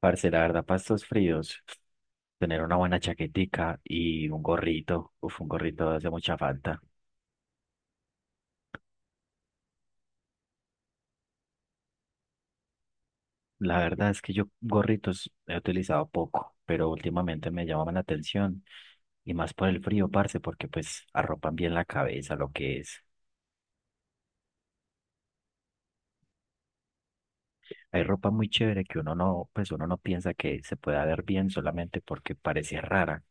Parce, la verdad, para estos fríos, tener una buena chaquetica y un gorrito, uf, un gorrito hace mucha falta. La verdad es que yo gorritos he utilizado poco, pero últimamente me llamaban la atención y más por el frío, parce, porque pues arropan bien la cabeza, lo que es. Hay ropa muy chévere que uno no, pues uno no piensa que se pueda ver bien solamente porque parece rara.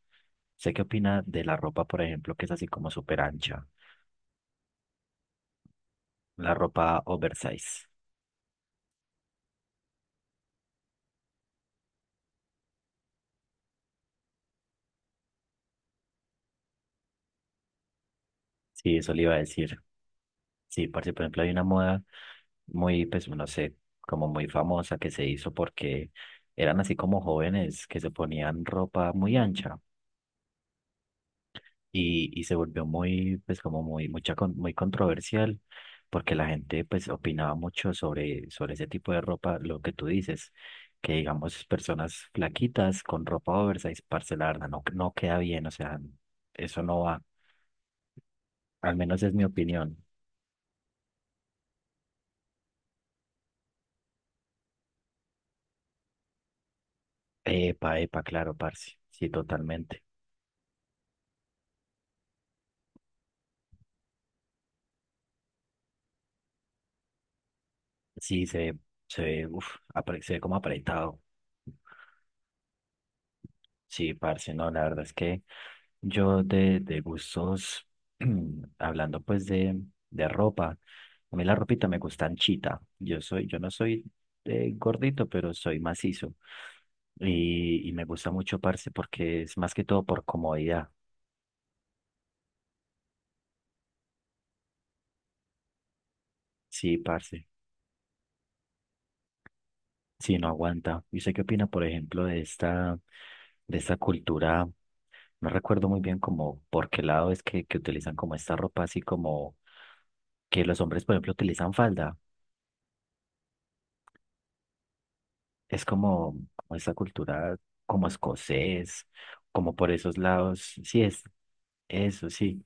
¿Sé qué opina de la ropa, por ejemplo, que es así como súper ancha? La ropa oversize. Sí, eso le iba a decir. Sí, parce, por ejemplo, hay una moda muy, pues, no sé, como muy famosa que se hizo porque eran así como jóvenes que se ponían ropa muy ancha y se volvió muy, pues, como muy, mucha, muy controversial porque la gente, pues, opinaba mucho sobre, sobre ese tipo de ropa, lo que tú dices, que digamos, personas flaquitas con ropa oversize, parce, la verdad, no, no queda bien, o sea, eso no va, al menos es mi opinión. Epa, epa, claro, parce, sí, totalmente. Sí, se ve, uf, se ve como apretado. Sí, parce, no, la verdad es que yo de gustos, hablando pues de ropa, a mí la ropita me gusta anchita. Yo soy, yo no soy gordito, pero soy macizo. Y me gusta mucho, parce, porque es más que todo por comodidad. Sí, parce. Sí, no aguanta. ¿Y usted qué opina, por ejemplo, de esta cultura? No recuerdo muy bien como por qué lado es que utilizan como esta ropa así como que los hombres, por ejemplo, utilizan falda. Es como, como esta cultura como escocés, como por esos lados. Sí, es eso, sí.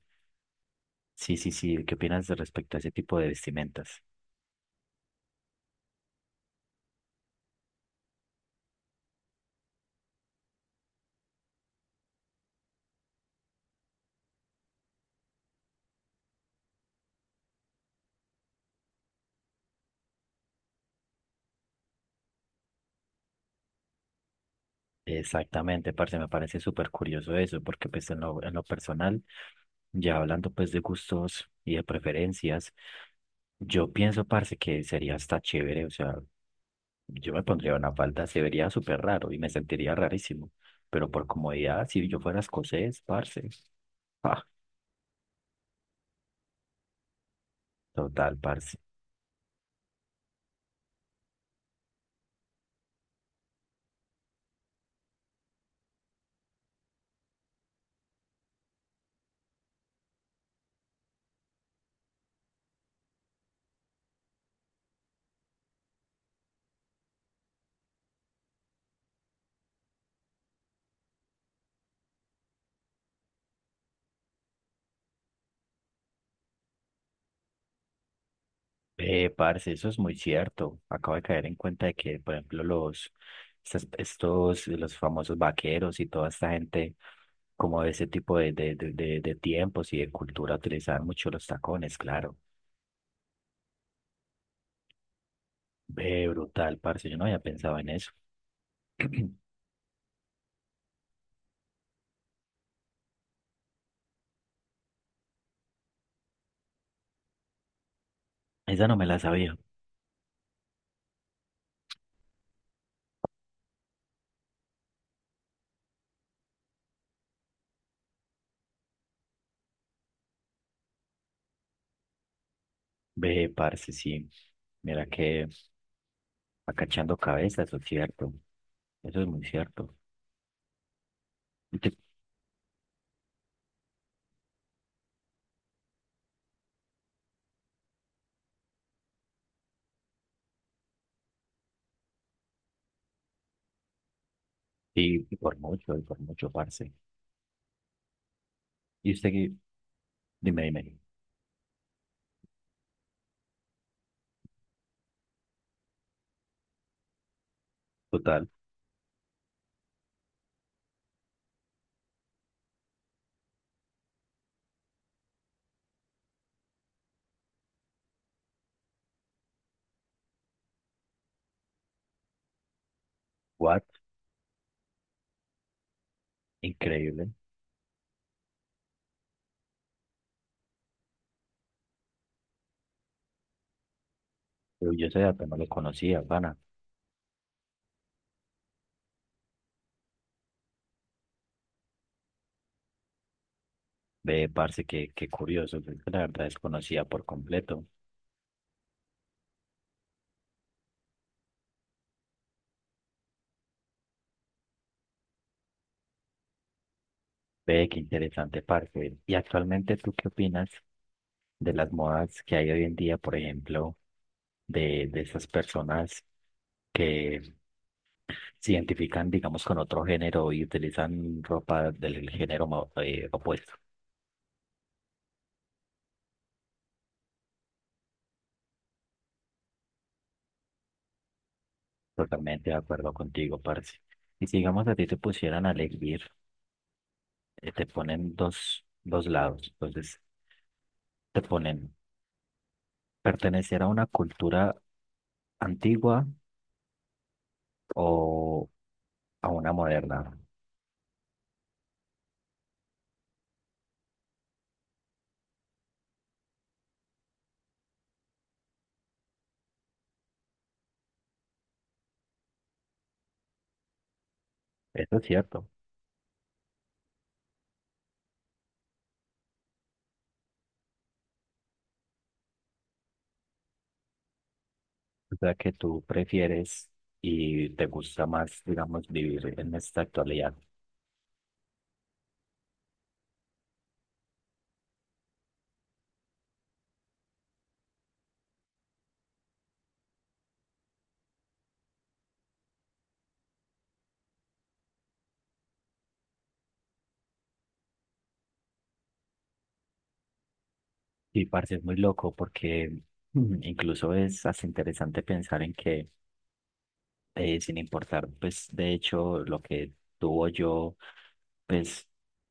Sí, sí, sí. ¿Qué opinas de respecto a ese tipo de vestimentas? Exactamente, parce, me parece súper curioso eso, porque pues en lo personal, ya hablando pues de gustos y de preferencias, yo pienso, parce, que sería hasta chévere, o sea, yo me pondría una falda, se vería súper raro y me sentiría rarísimo. Pero por comodidad, si yo fuera escocés, parce. Ah, total, parce. Parce, eso es muy cierto. Acabo de caer en cuenta de que, por ejemplo, los, estos, los famosos vaqueros y toda esta gente, como de ese tipo de tiempos y de cultura, utilizaban mucho los tacones, claro. Ve, brutal, parce, yo no había pensado en eso. Esa no me la sabía. Ve, parce, sí. Mira que. Acachando cabezas, eso es cierto. Eso es muy cierto. Y, te- y por mucho, parce. Y usted, dime, dime. Total, what? Increíble. Pero yo ese dato no lo conocía, pana. Ve, parce, qué, qué curioso. Yo la verdad desconocía por completo. Ve, qué interesante, parce. Y actualmente, ¿tú qué opinas de las modas que hay hoy en día, por ejemplo, de esas personas que se identifican, digamos, con otro género y utilizan ropa del género opuesto? Totalmente de acuerdo contigo, parce. Y si, digamos, a ti te pusieran a elegir, te ponen dos, dos lados. Entonces, te ponen pertenecer a una cultura antigua o a una moderna. Eso es cierto. O sea, que tú prefieres y te gusta más, digamos, vivir en esta actualidad. Sí, parce, es muy loco porque incluso es hasta interesante pensar en que sin importar, pues de hecho lo que tú o yo, pues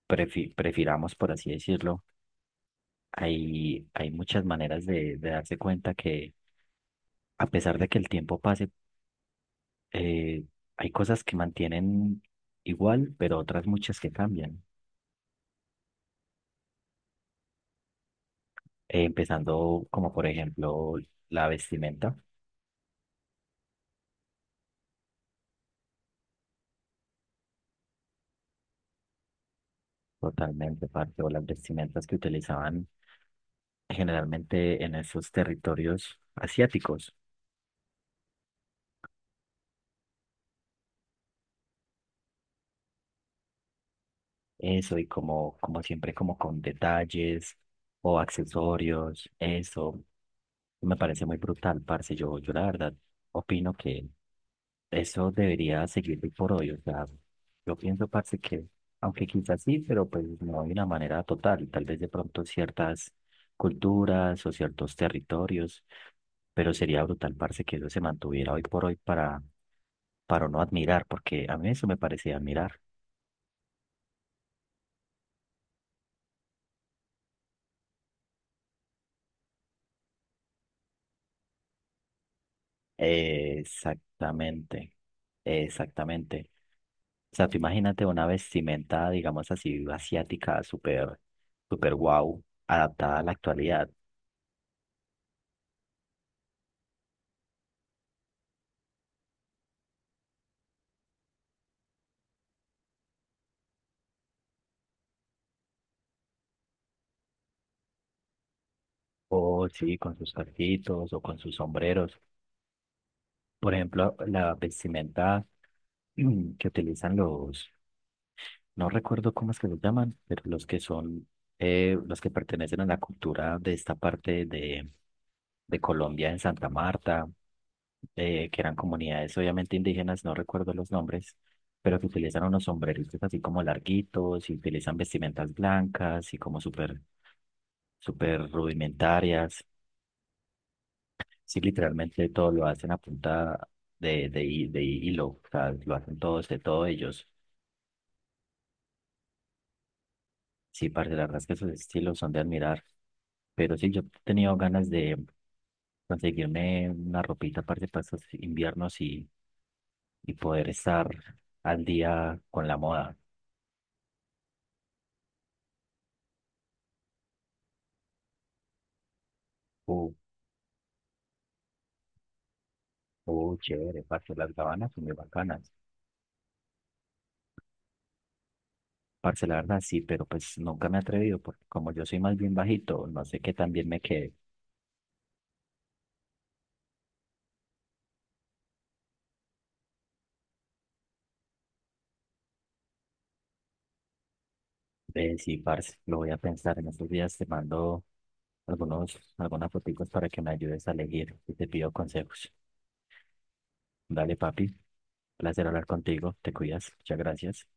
prefiramos, por así decirlo, hay muchas maneras de darse cuenta que a pesar de que el tiempo pase, eh, hay cosas que mantienen igual, pero otras muchas que cambian. Empezando como por ejemplo la vestimenta. Totalmente, parte o las vestimentas que utilizaban generalmente en esos territorios asiáticos. Eso, y como, como siempre, como con detalles o accesorios, eso me parece muy brutal, parce. Yo la verdad opino que eso debería seguir hoy por hoy. O sea, yo pienso, parce, que aunque quizás sí, pero pues no de una manera total. Tal vez de pronto ciertas culturas o ciertos territorios, pero sería brutal, parce, que eso se mantuviera hoy por hoy para no admirar, porque a mí eso me parecía admirar. Exactamente, exactamente. O sea, tú imagínate una vestimenta, digamos así, asiática, súper, súper guau, adaptada a la actualidad. O sí, con sus casquitos o con sus sombreros. Por ejemplo, la vestimenta que utilizan los, no recuerdo cómo es que los llaman, pero los que son, los que pertenecen a la cultura de esta parte de Colombia, en Santa Marta, que eran comunidades obviamente indígenas, no recuerdo los nombres, pero que utilizan unos sombreritos así como larguitos y utilizan vestimentas blancas y como súper, súper rudimentarias. Sí, literalmente todo lo hacen a punta de, de hilo, o sea, lo hacen todos de todo ellos. Sí, parce, la verdad es que esos estilos son de admirar. Pero sí, yo he tenido ganas de conseguirme una ropita, parce, para estos inviernos y poder estar al día con la moda. Uh, chévere, parce, las gabanas son muy bacanas. Parce, la verdad sí, pero pues nunca me he atrevido, porque como yo soy más bien bajito, no sé qué tan bien me quede. Sí, parce, lo voy a pensar. En estos días te mando algunos, algunas fotitos para que me ayudes a elegir y te pido consejos. Dale, papi. Placer hablar contigo. Te cuidas. Muchas gracias.